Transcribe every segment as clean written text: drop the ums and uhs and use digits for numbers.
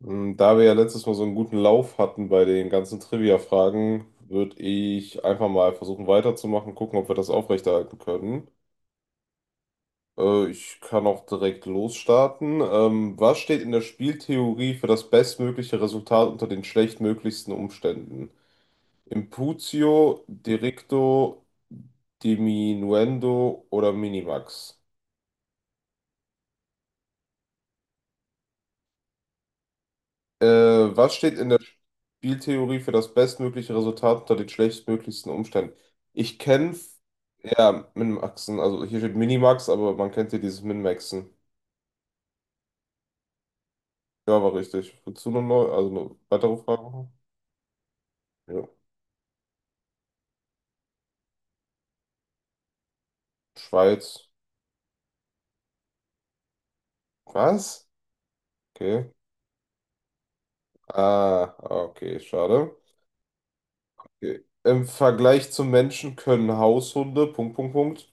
Da wir ja letztes Mal so einen guten Lauf hatten bei den ganzen Trivia-Fragen, würde ich einfach mal versuchen weiterzumachen, gucken, ob wir das aufrechterhalten können. Ich kann auch direkt losstarten. Was steht in der Spieltheorie für das bestmögliche Resultat unter den schlechtmöglichsten Umständen? Imputio, Directo, Diminuendo oder Minimax? Was steht in der Spieltheorie für das bestmögliche Resultat unter den schlechtmöglichsten Umständen? Ich kenne Ja, Minmaxen. Also hier steht Minimax, aber man kennt hier dieses Minmaxen. Ja, war richtig. Willst du noch neu? Also eine weitere Frage machen? Ja. Schweiz. Was? Okay. Ah, okay, schade. Okay. Im Vergleich zum Menschen können Haushunde, Punkt, Punkt, Punkt,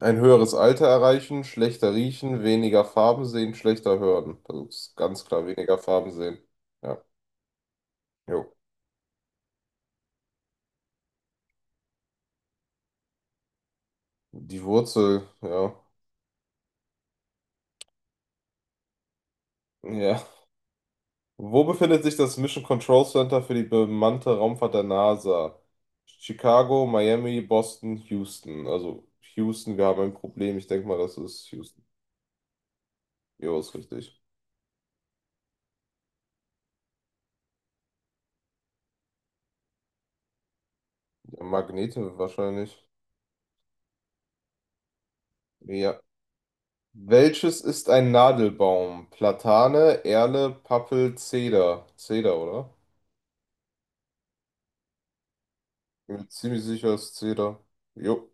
ein höheres Alter erreichen, schlechter riechen, weniger Farben sehen, schlechter hören. Also, das ist ganz klar, weniger Farben sehen. Ja, jo. Die Wurzel, ja. Ja. Wo befindet sich das Mission Control Center für die bemannte Raumfahrt der NASA? Chicago, Miami, Boston, Houston. Also Houston, wir haben ein Problem. Ich denke mal, das ist Houston. Jo, ist richtig. Ja, Magnete wahrscheinlich. Ja. Welches ist ein Nadelbaum? Platane, Erle, Pappel, Zeder. Zeder, oder? Ich bin mir ziemlich sicher, es ist Zeder. Jo.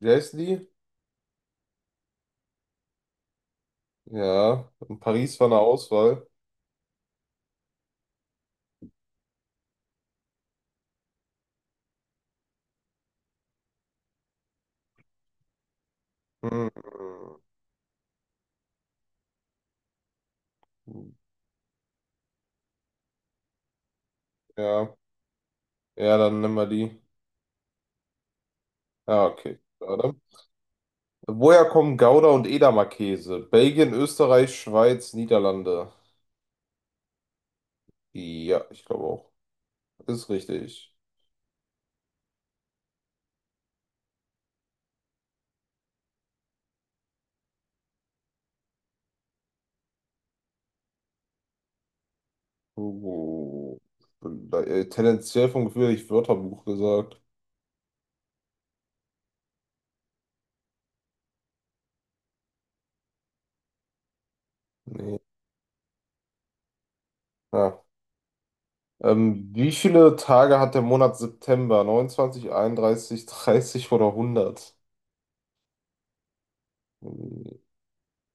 Wie heißt die? Ja. In Paris war eine Auswahl. Hm. Ja. Ja, dann nehmen wir die. Ja, okay. Schade. Woher kommen Gouda und Edamer Käse? Belgien, Österreich, Schweiz, Niederlande. Ja, ich glaube auch. Ist richtig. Uh, tendenziell vom Gefühl, ich Wörterbuch gesagt. Nee. Ja. Wie viele Tage hat der Monat September? 29, 31, 30 oder 100? Hm,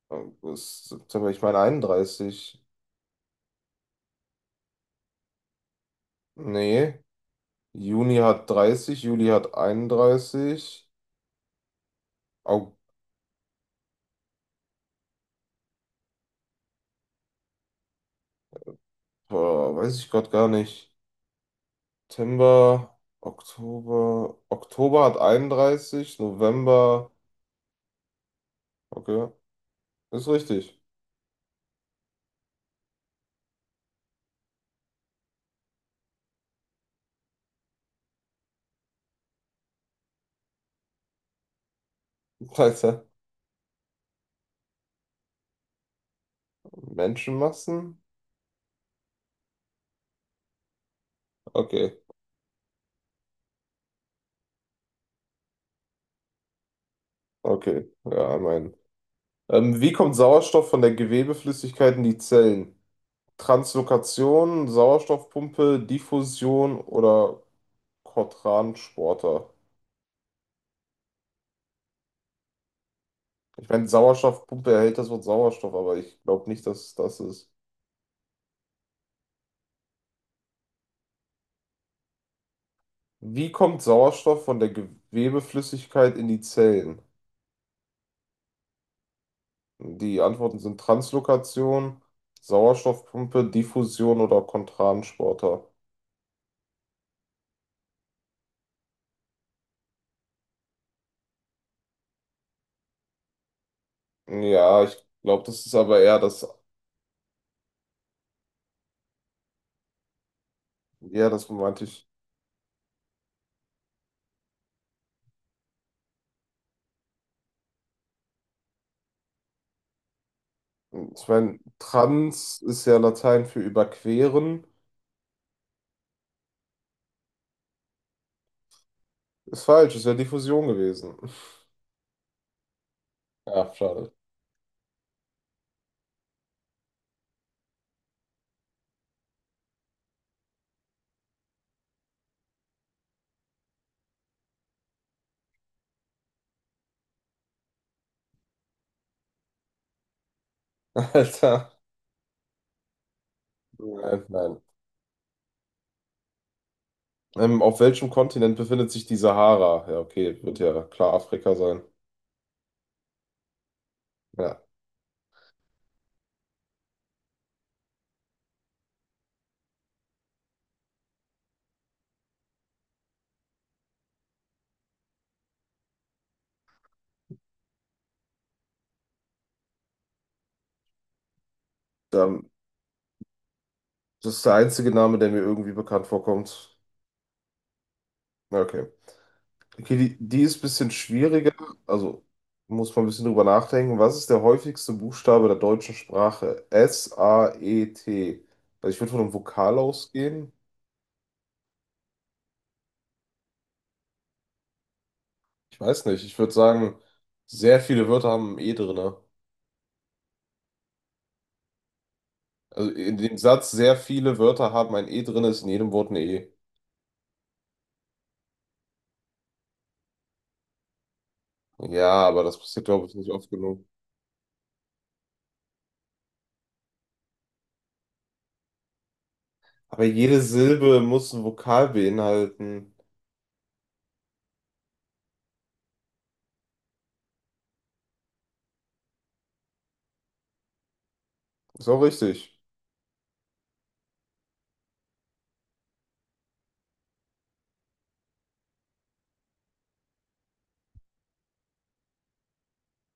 August, September, ich meine 31. Nee. Juni hat 30, Juli hat 31. Boah, weiß ich gerade gar nicht. September, Oktober. Oktober hat 31, November. Okay, ist richtig. Alter, Menschenmassen? Okay, okay. Ja, mein. Wie kommt Sauerstoff von der Gewebeflüssigkeit in die Zellen? Translokation, Sauerstoffpumpe, Diffusion oder Cotransporter? Ich meine, Sauerstoffpumpe erhält das Wort Sauerstoff, aber ich glaube nicht, dass es das ist. Wie kommt Sauerstoff von der Gewebeflüssigkeit in die Zellen? Die Antworten sind Translokation, Sauerstoffpumpe, Diffusion oder Kontransporter. Ja, ich glaube, das ist aber eher das. Ja, das meinte ich. Ich meine, trans ist ja Latein für überqueren. Ist falsch, ist ja Diffusion gewesen. Ja, schade. Alter. Nein, nein. Auf welchem Kontinent befindet sich die Sahara? Ja, okay, wird ja klar Afrika sein. Ja, dann. Das ist der einzige Name, der mir irgendwie bekannt vorkommt. Na, okay. Okay, die ist ein bisschen schwieriger. Also muss man ein bisschen drüber nachdenken. Was ist der häufigste Buchstabe der deutschen Sprache? S-A-E-T. Also ich würde von einem Vokal ausgehen. Ich weiß nicht. Ich würde sagen, sehr viele Wörter haben ein E drin. Also in dem Satz, sehr viele Wörter haben ein E drin, ist in jedem Wort ein E. Ja, aber das passiert, glaube ich, nicht oft genug. Aber jede Silbe muss ein Vokal beinhalten. Ist auch richtig.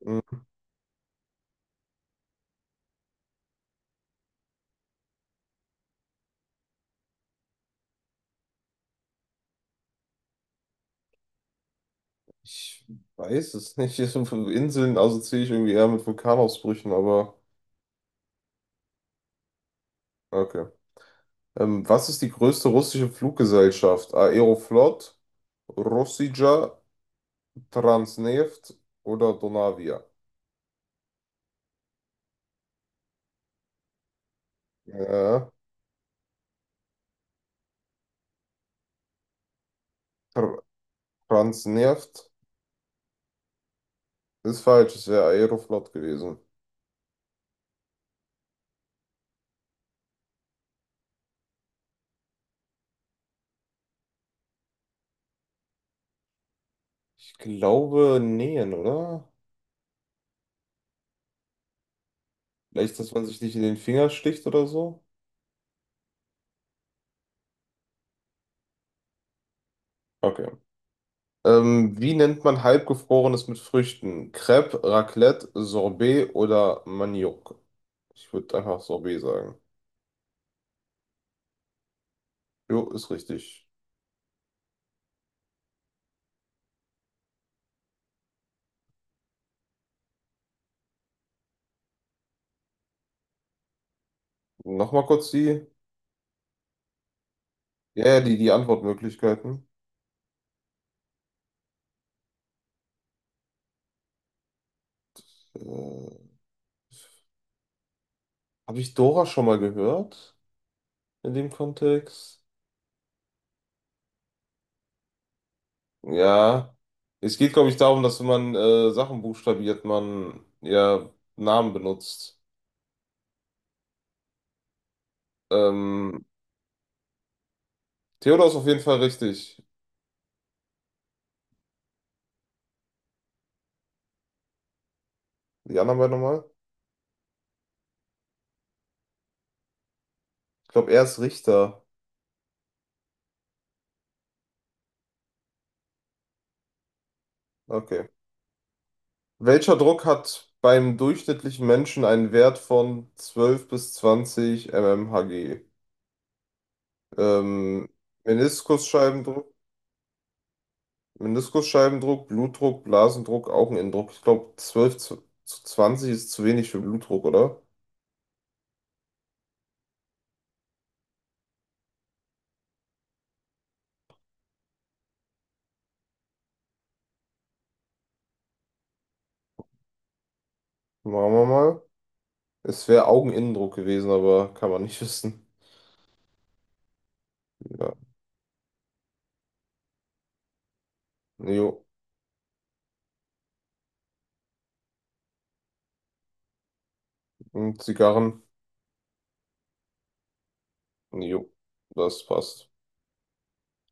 Mhm. Ich weiß es nicht. Hier sind fünf Inseln assoziiere ich irgendwie eher mit Vulkanausbrüchen, aber okay. Was ist die größte russische Fluggesellschaft? Aeroflot, Rossija, Transneft oder Donavia? Ja, Tr Transneft ist falsch, es wäre Aeroflot gewesen. Ich glaube, nähen, oder? Vielleicht, dass man sich nicht in den Finger sticht oder so? Okay. Wie nennt man halbgefrorenes mit Früchten? Crêpe, Raclette, Sorbet oder Maniok? Ich würde einfach Sorbet sagen. Jo, ist richtig. Nochmal kurz die, ja, ja, die Antwortmöglichkeiten. Äh, Habe ich Dora schon mal gehört in dem Kontext? Ja, es geht, glaube ich, darum, dass wenn man Sachen buchstabiert, man ja Namen benutzt. Ähm, Theodor ist auf jeden Fall richtig. Die anderen beiden nochmal? Ich glaube, er ist Richter. Okay. Welcher Druck hat beim durchschnittlichen Menschen einen Wert von 12 bis 20 mmHg? Ähm, Meniskusscheibendruck, Meniskusscheibendruck, Blutdruck, Blasendruck, Augeninnendruck. Ich glaube, 12 zu 20 ist zu wenig für Blutdruck, oder? Machen wir mal. Es wäre Augeninnendruck gewesen, aber kann man nicht wissen. Ja. Jo. Und Zigarren? Jo. Das passt.